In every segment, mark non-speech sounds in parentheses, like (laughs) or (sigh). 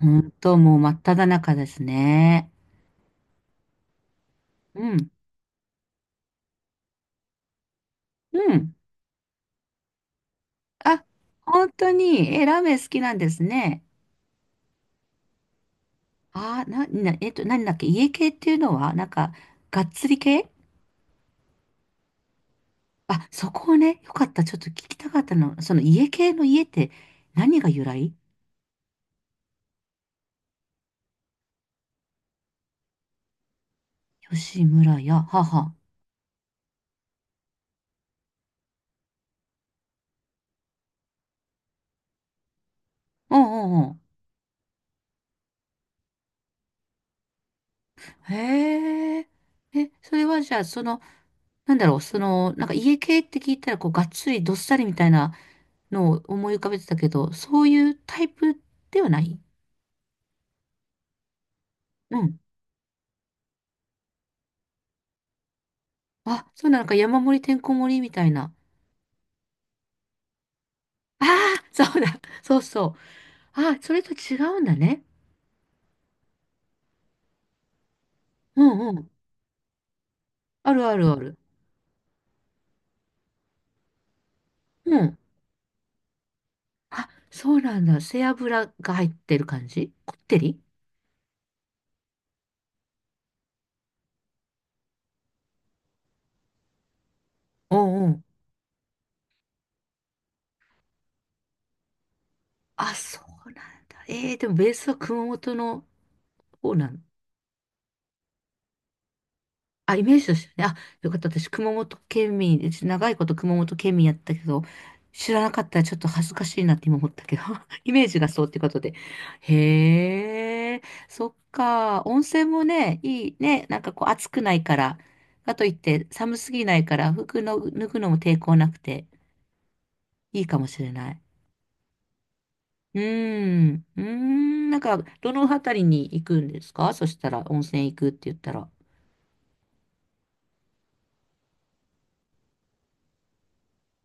本当もう真っ只中ですね。うん、うん。あ、本当に、え、ラーメン好きなんですね。何だっけ、家系っていうのは、なんか、がっつり系。あ、そこをね、よかった。ちょっと聞きたかったの。その家系の家って、何が由来？吉村屋、母。うんうんうん。へえ。え、それはじゃあ、その、なんだろう、その、なんか家系って聞いたら、こう、がっつりどっさりみたいなのを思い浮かべてたけど、そういうタイプではない。うん。あ、そうなのか、山盛りてんこ盛りみたいな。ああ、そうだ、(laughs) そうそう。ああ、それと違うんだね。うんうん。あるあるある。うん。あ、そうなんだ。背脂が入ってる感じこってり。うんうん。あ、そうなんだ。ええー、でもベースは熊本の方なん？あ、イメージとしてね。あ、よかった。私、熊本県民です、長いこと熊本県民やったけど、知らなかったらちょっと恥ずかしいなって今思ったけど、(laughs) イメージがそうってことで。へえ、そっか。温泉もね、いいね。なんかこう暑くないから。かといって寒すぎないから、服の、脱ぐのも抵抗なくていいかもしれない。うーん。うーん。なんか、どの辺りに行くんですかそしたら、温泉行くって言ったら。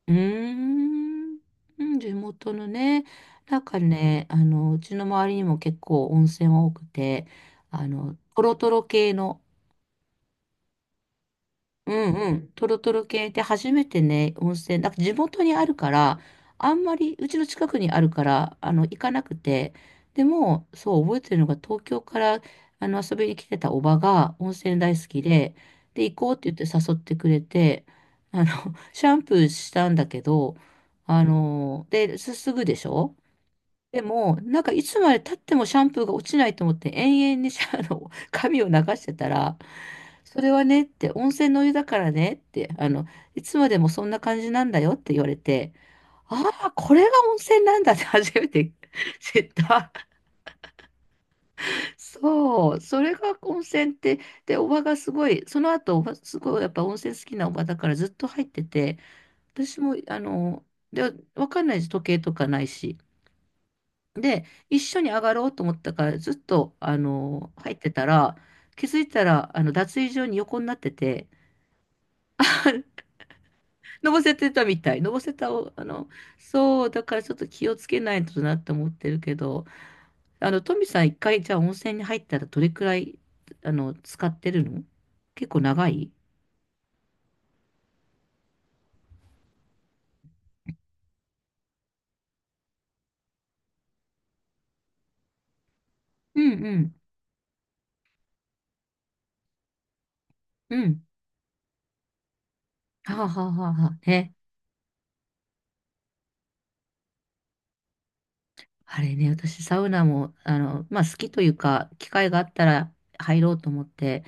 うーん、うん、地元のね、なんかね、うちの周りにも結構温泉多くて、トロトロ系の。うんうん。トロトロ系って初めてね、温泉、なんか地元にあるから、あんまり、うちの近くにあるから、行かなくて、でも、そう、覚えてるのが、東京から、遊びに来てたおばが、温泉大好きで、で、行こうって言って誘ってくれて、あの、(laughs) シャンプーしたんだけど、で、すぐでしょ？でも、なんかいつまで経ってもシャンプーが落ちないと思って延々にシャあの髪を流してたら、それはねって、温泉のお湯だからねって、いつまでもそんな感じなんだよって言われて、ああ、これが温泉なんだって (laughs) 初めて (laughs) 知った。そう、それが温泉って、で、おばがすごい、その後、おばすごいやっぱ温泉好きなおばだからずっと入ってて、私も、で、わかんないです、時計とかないし。で、一緒に上がろうと思ったから、ずっと、入ってたら、気づいたら、脱衣所に横になってて、(laughs) のぼせてたみたい。のぼせたを、そう、だからちょっと気をつけないとなって思ってるけど、トミさん一回、じゃあ温泉に入ったらどれくらい、使ってるの？結構長い。うんうん。うん。はあはあはあはあ。ね、あれね、私サウナも、まあ好きというか、機会があったら入ろうと思って、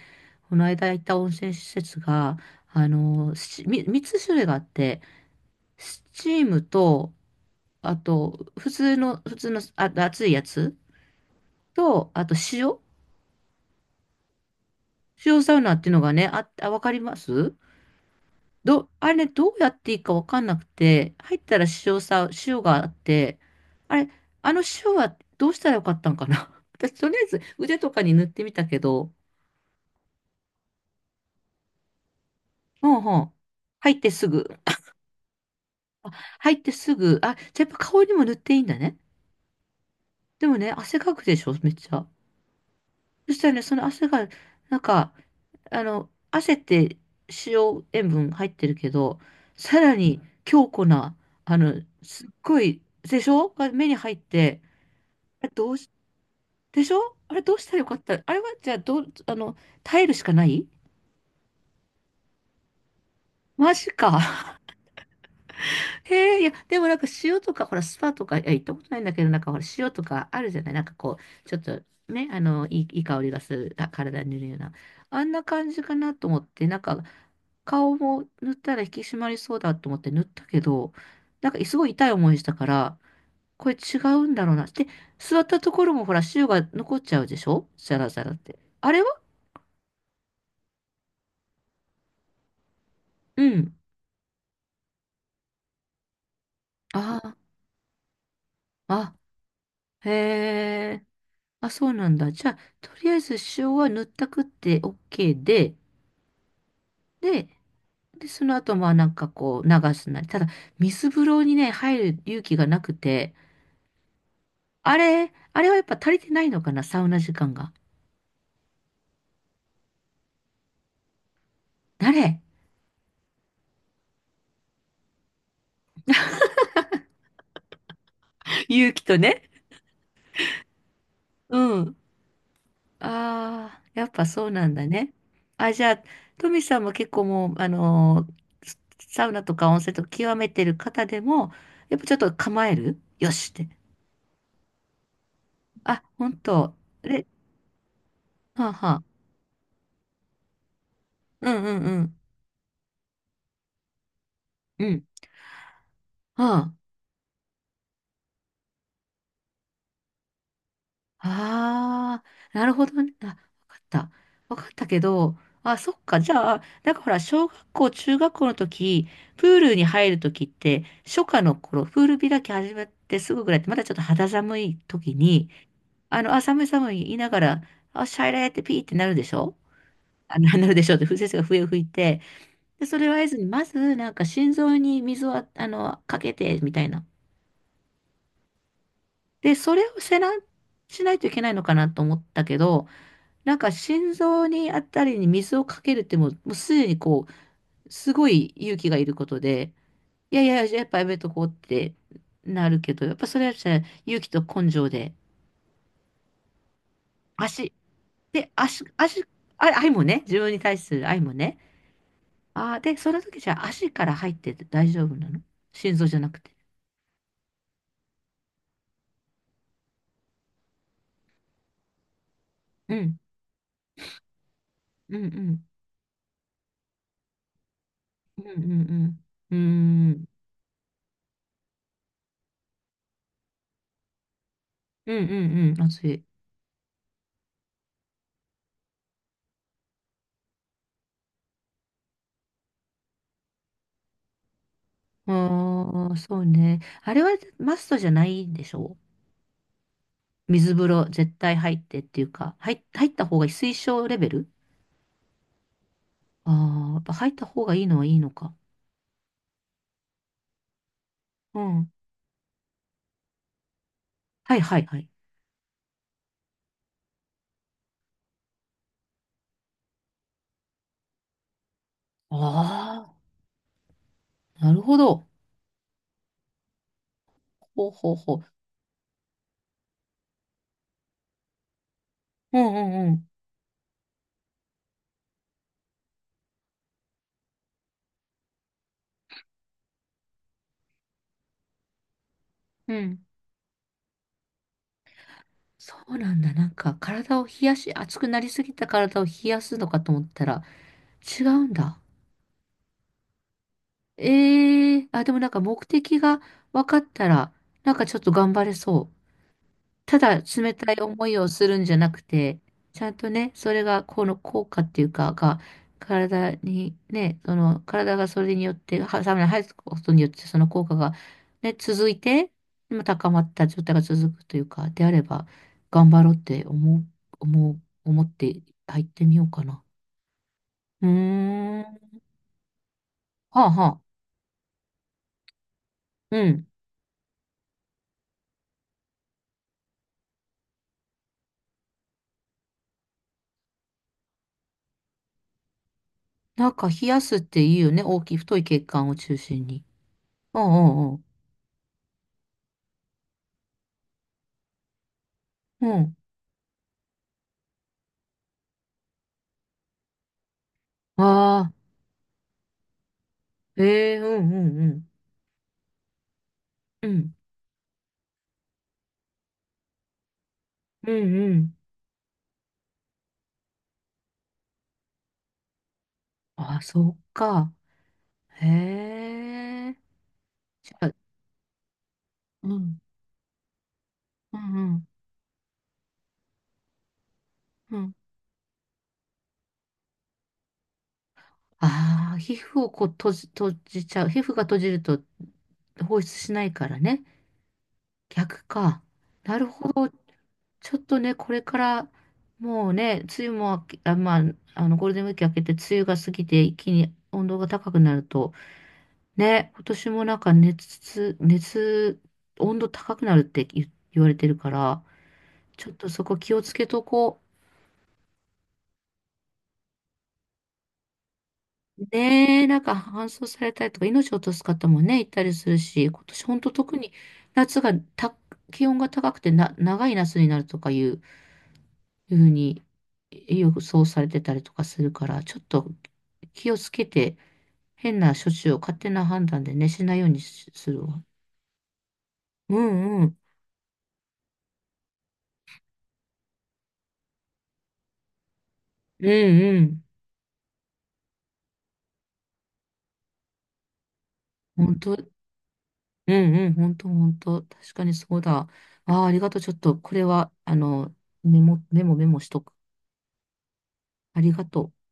この間行った温泉施設が、3つ種類があって、スチームと、あと、普通の、あ、熱いやつと、あと塩、塩サウナっていうのがね、あ、わかりますど、あれ、どうやっていいかわかんなくて、入ったら塩があって、あれ、あの塩はどうしたらよかったんかな (laughs) 私、とりあえず腕とかに塗ってみたけど、うんうん。入ってすぐ。あ、入ってすぐ。あ、じゃあやっぱ顔にも塗っていいんだね。でもね、汗かくでしょ、めっちゃ。そしたらね、その汗が、なんか、汗って塩分入ってるけど、さらに強固な、あの、すっごい、でしょが目に入って、あれどうし、でしょあれどうしたらよかったあれはじゃあどう、耐えるしかない。マジか。(laughs) へえ、いや、でもなんか塩とか、ほら、スパとか、いや、行ったことないんだけど、なんかほら、塩とかあるじゃないなんかこう、ちょっとね、いい香りがする、あ、体に塗るような。あんな感じかなと思って、なんか、顔も塗ったら引き締まりそうだと思って塗ったけど、なんかすごい痛い思いしたから、これ違うんだろうな。で、座ったところもほら、塩が残っちゃうでしょザラザラって。あれは？うん。ああ。あ、へえ。あ、そうなんだ。じゃあ、とりあえず塩は塗ったくって OK で、で、その後、まあなんかこう流すなり。ただ、水風呂にね、入る勇気がなくて、あれはやっぱ足りてないのかな、サウナ時間が。誰？ (laughs) 勇気とね。うん。ああ、やっぱそうなんだね。あ、じゃあ、トミさんも結構もう、サウナとか温泉とか極めてる方でも、やっぱちょっと構えるよしって。あ、本当。で、はあ、はあ。うんうんうん。うん。はあ。ああ、なるほどね。あ、わかった。わかったけど、あ、そっか。じゃあ、なんかほら、小学校、中学校の時、プールに入る時って、初夏の頃、プール開き始めてすぐぐらいって、まだちょっと肌寒い時に、あ、寒い寒い言いながら、あ、シャイラーってピーってなるでしょ、あ、なるでしょって、風先生が笛を吹いて、で、それを合図に、まず、なんか心臓に水をかけて、みたいな。で、それをしないといけないのかなと思ったけど、なんか心臓にあたりに水をかけるってもうすでにこう、すごい勇気がいることで、いやいや、じゃあやっぱやめとこうってなるけど、やっぱそれはじゃあ勇気と根性で、足、で、足、足、あ、愛もね、自分に対する愛もね。ああ、で、その時じゃあ足から入ってて大丈夫なの？心臓じゃなくて。うん、うん、うん、うん、うん、うん、うん、うん、うん、うん、熱い。ああ、そうね。あれはマストじゃないんでしょう？水風呂絶対入ってっていうか、入った方がいい、推奨レベル？ああー、やっぱ入った方がいいのはいいのか。うん。はいはいはい。ああ、なるほど。ほうほうほう。うんうんうん。うん。そうなんだ。なんか体を冷やし、熱くなりすぎた体を冷やすのかと思ったら、違うんだ。ええー、あ、でもなんか目的が分かったら、なんかちょっと頑張れそう。ただ冷たい思いをするんじゃなくて、ちゃんとね、それがこの効果っていうか、が、体にね、その体がそれによって、はサウナに入ることによって、その効果がね、続いて、今高まった状態が続くというか、であれば、頑張ろうって思って入ってみようかな。うーん。はあはあ。うん。なんか冷やすっていいよね。大きい、太い血管を中心に。うんうんうん。うん。ああ。ええ、うんうんうん。うんうん。あ、そっか。へえ。じゃあ、うん。うんうん。うん。ああ、皮膚をこう閉じちゃう。皮膚が閉じると放出しないからね。逆か。なるほど。ちょっとね、これから、もうね、梅雨も明け、あ、まあ、ゴールデンウィーク明けて、梅雨が過ぎて、一気に温度が高くなると、ね、今年もなんか温度高くなるって言われてるから、ちょっとそこ気をつけとこう。ねえ、なんか搬送されたりとか命を落とす方もね、いたりするし、今年本当特に夏がた、気温が高くてな、長い夏になるとかいう、ふうに予想されてたりとかするから、ちょっと気をつけて変な処置を勝手な判断でね、しないようにしするわ。うんうん。うんうん。本当、うんうん。本当本当。確かにそうだ。ああ、ありがとう。ちょっとこれは、メモメモしとく。ありがとう。